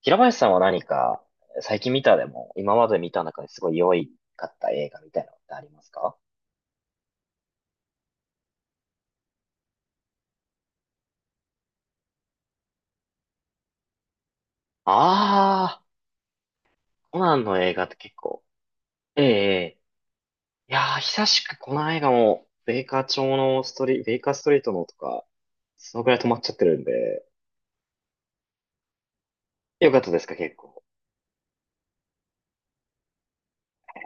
平林さんは何か、最近見たでも、今まで見た中ですごい良いかった映画みたいなのってありますか？あコナンの映画って結構。ええ、ええ。久しくこの映画も、ベイカーストリートのとか、そのぐらい止まっちゃってるんで。よかったですか、結構。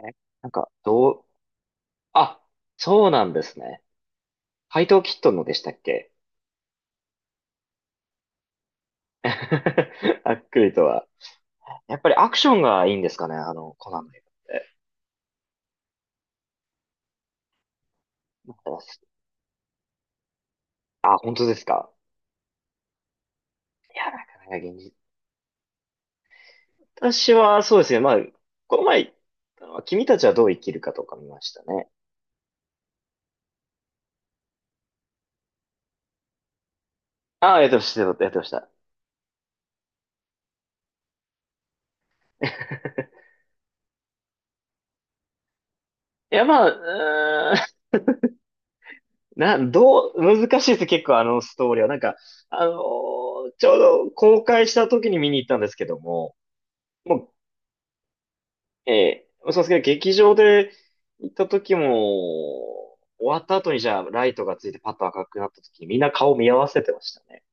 えーなんか、どう。あ、そうなんですね。怪盗キットンのでしたっけ？ あっくりとは。やっぱりアクションがいいんですかね、あの、コナンの映画って。なんか。あ、本当ですか。いや、なかなか現実。私は、そうですね。まあ、この前言ったのは、君たちはどう生きるかとか見ましたね。ああ、やってました、やってました。いや、まあ、うーん、な、どう、難しいです、結構あのストーリーは。なんか、あのーちょうど公開した時に見に行ったんですけども、もう、そうですけど、劇場で行った時も、終わった後にじゃあ、ライトがついてパッと赤くなった時にみんな顔見合わせてましたね。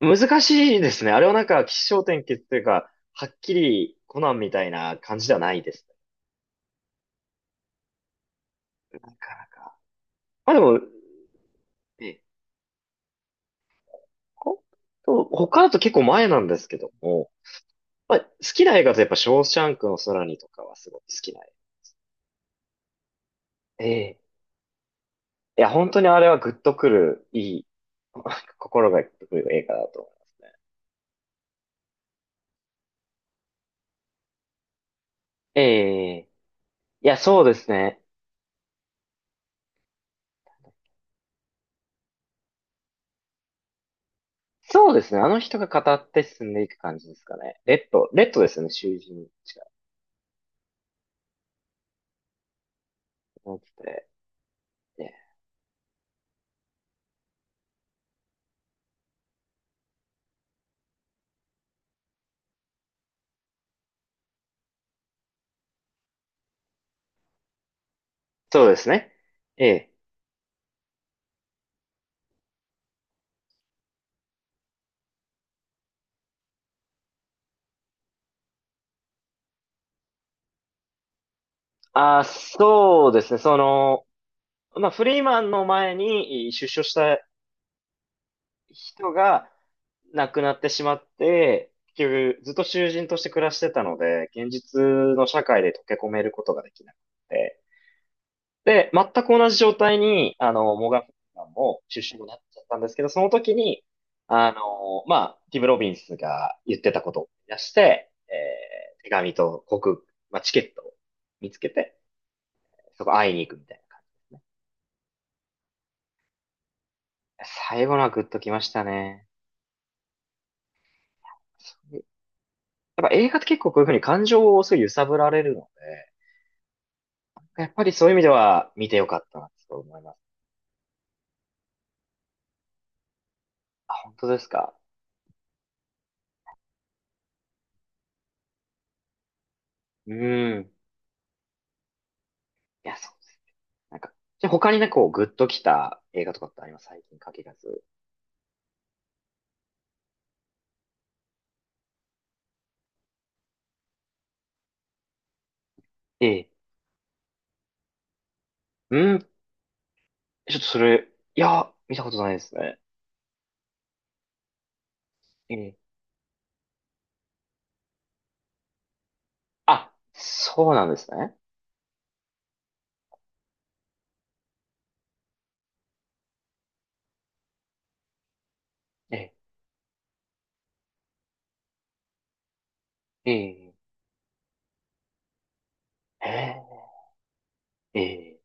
難しいですね。あれはなんか、起承転結というか、はっきりコナンみたいな感じではないですね。なかなか。まあでも、えほと他だと結構前なんですけども、まあ、好きな映画とやっぱ、ショーシャンクの空にとかはすごい好きな映画。ええ。いや、本当にあれはグッとくる、いい、心がグッとくる映画だと思いますね。ええ。いや、そうですね。そうですね。あの人が語って進んでいく感じですかね。レッドですよね、囚人違う。そうですね。ええ。あ、そうですね。その、まあ、フリーマンの前に出所した人が亡くなってしまって、結局ずっと囚人として暮らしてたので、現実の社会で溶け込めることができなくて。で、全く同じ状態に、あの、モーガン・フリーマンも出所になっちゃったんですけど、その時に、あの、まあ、ティム・ロビンスが言ってたことを思い出して、手紙と航空、まあ、チケットを見つけて、そこ会いに行くみたいな感じですね。最後のはグッときましたね。そういうやっぱ映画って結構こういうふうに感情をすごい揺さぶられるので、やっぱりそういう意味では見てよかったなと思います。あ、本当ですか？うーん。いや、そうです。なんか、じゃあ他にね、こう、グッときた映画とかってあります？最近限らず。ええ。うん。ちょっとそれ、いや、見たことないですね。ええ。あ、そうなんですね。ええ。ええ。ええ。ええ。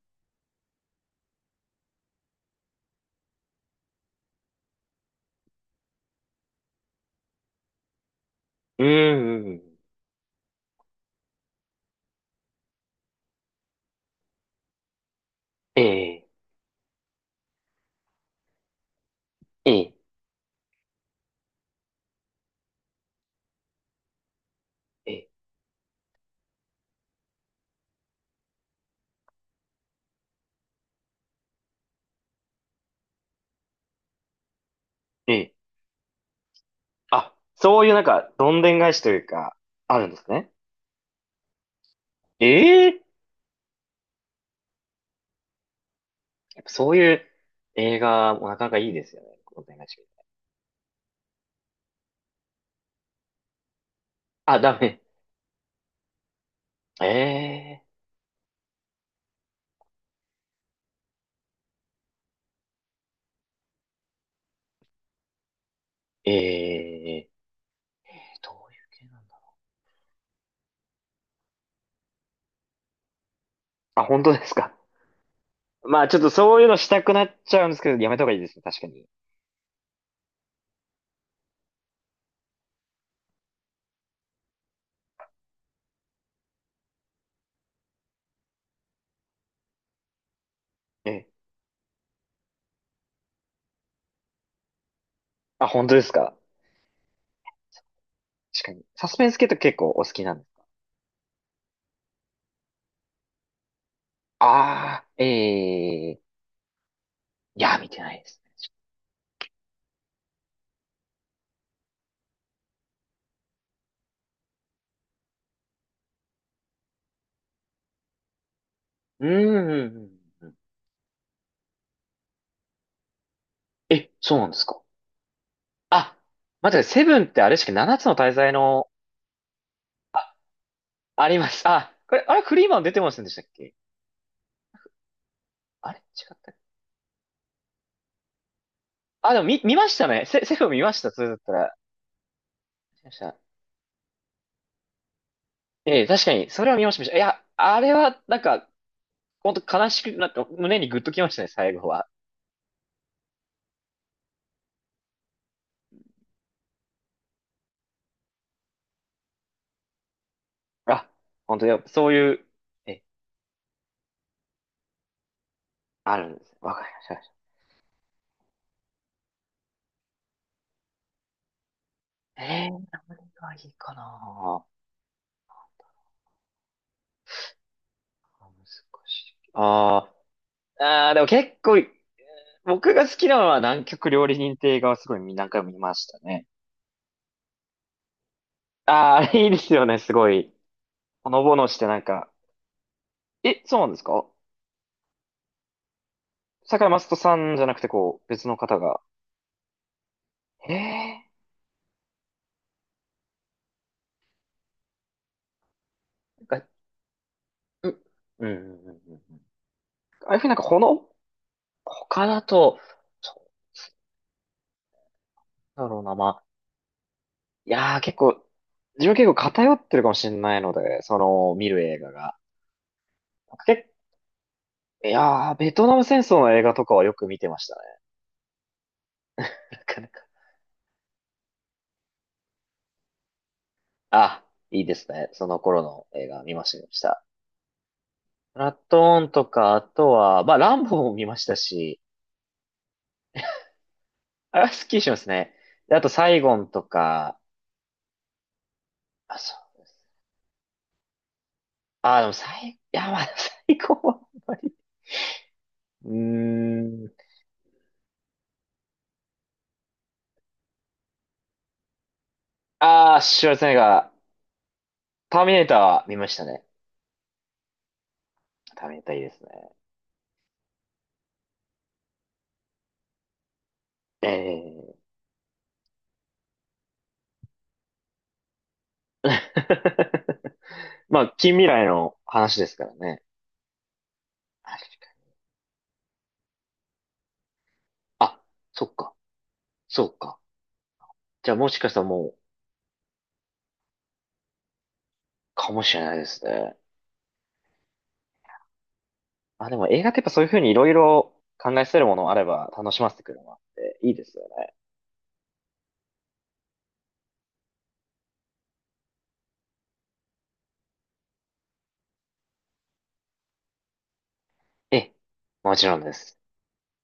うん、うん、うん。ええ。ええ。ええ。ええ、あ、そういうなんか、どんでん返しというか、あるんですね。ええ、やっぱそういう映画もなかなかいいですよね。どんでん返し。あ、ダメ。ええ、ええ、どういう系なんだ。あ、本当ですか。まあちょっとそういうのしたくなっちゃうんですけど、やめた方がいいですね。確かに。ええ、あ、本当ですか。確かに。サスペンス系って結構お好きなんです？ああ、ええ。いや、見てないですね。うん、うん、うん。うん。え、そうなんですか。あ、待ってください、セブンってあれしか7つの大罪の、ありました。あ、これ、あれ、フリーマン出てませんでしたっけ？あれ違ったっけ？あ、でも見ましたね。セフ見ました。それだったら。見ました。ええ、確かに、それは見ました。見ました、いや、あれは、なんか、本当悲しくなって、胸にグッときましたね、最後は。あ、本当やっぱそういう、え、あるんですね。わかりました。わかりました。ええ、何がいいかな？難しい。あー、あー、でも結構、僕が好きなのは南極料理人亭がすごい何回も見ましたね。ああ、あれいいですよね、すごい。ほのぼのしてなんか、え、そうなんですか？坂井雅人さんじゃなくてこう、別の方が。へえ、なんか、う、うん、うん、うん、うん、うん、ああいうふうになんかほの、他だと、そうだろうな、まあ、いやー結構、自分結構偏ってるかもしれないので、その、見る映画が。結構いやー、ベトナム戦争の映画とかはよく見てましたね。なかなか。あ、いいですね。その頃の映画見ました、見ました。プラトーンとか、あとは、まあ、ランボーも見ましたし、あ、スッキリしますね。であと、サイゴンとか、あ、そうです。あ、でも、いや、まあ、サイゴンはあんまり。うーん。シュワルツェネッガー。ターミネーターは見ましたね。ターミネーターいいですね。ええ。 まあ、近未来の話ですからね。確かに。あ、そっか。そうか。じゃあ、もしかしたらもう、かもしれないですね。あ、でも映画ってやっぱそういうふうにいろいろ考えさせるものあれば楽しませてくるのもあって、いいですよね。ええ、もちろんです。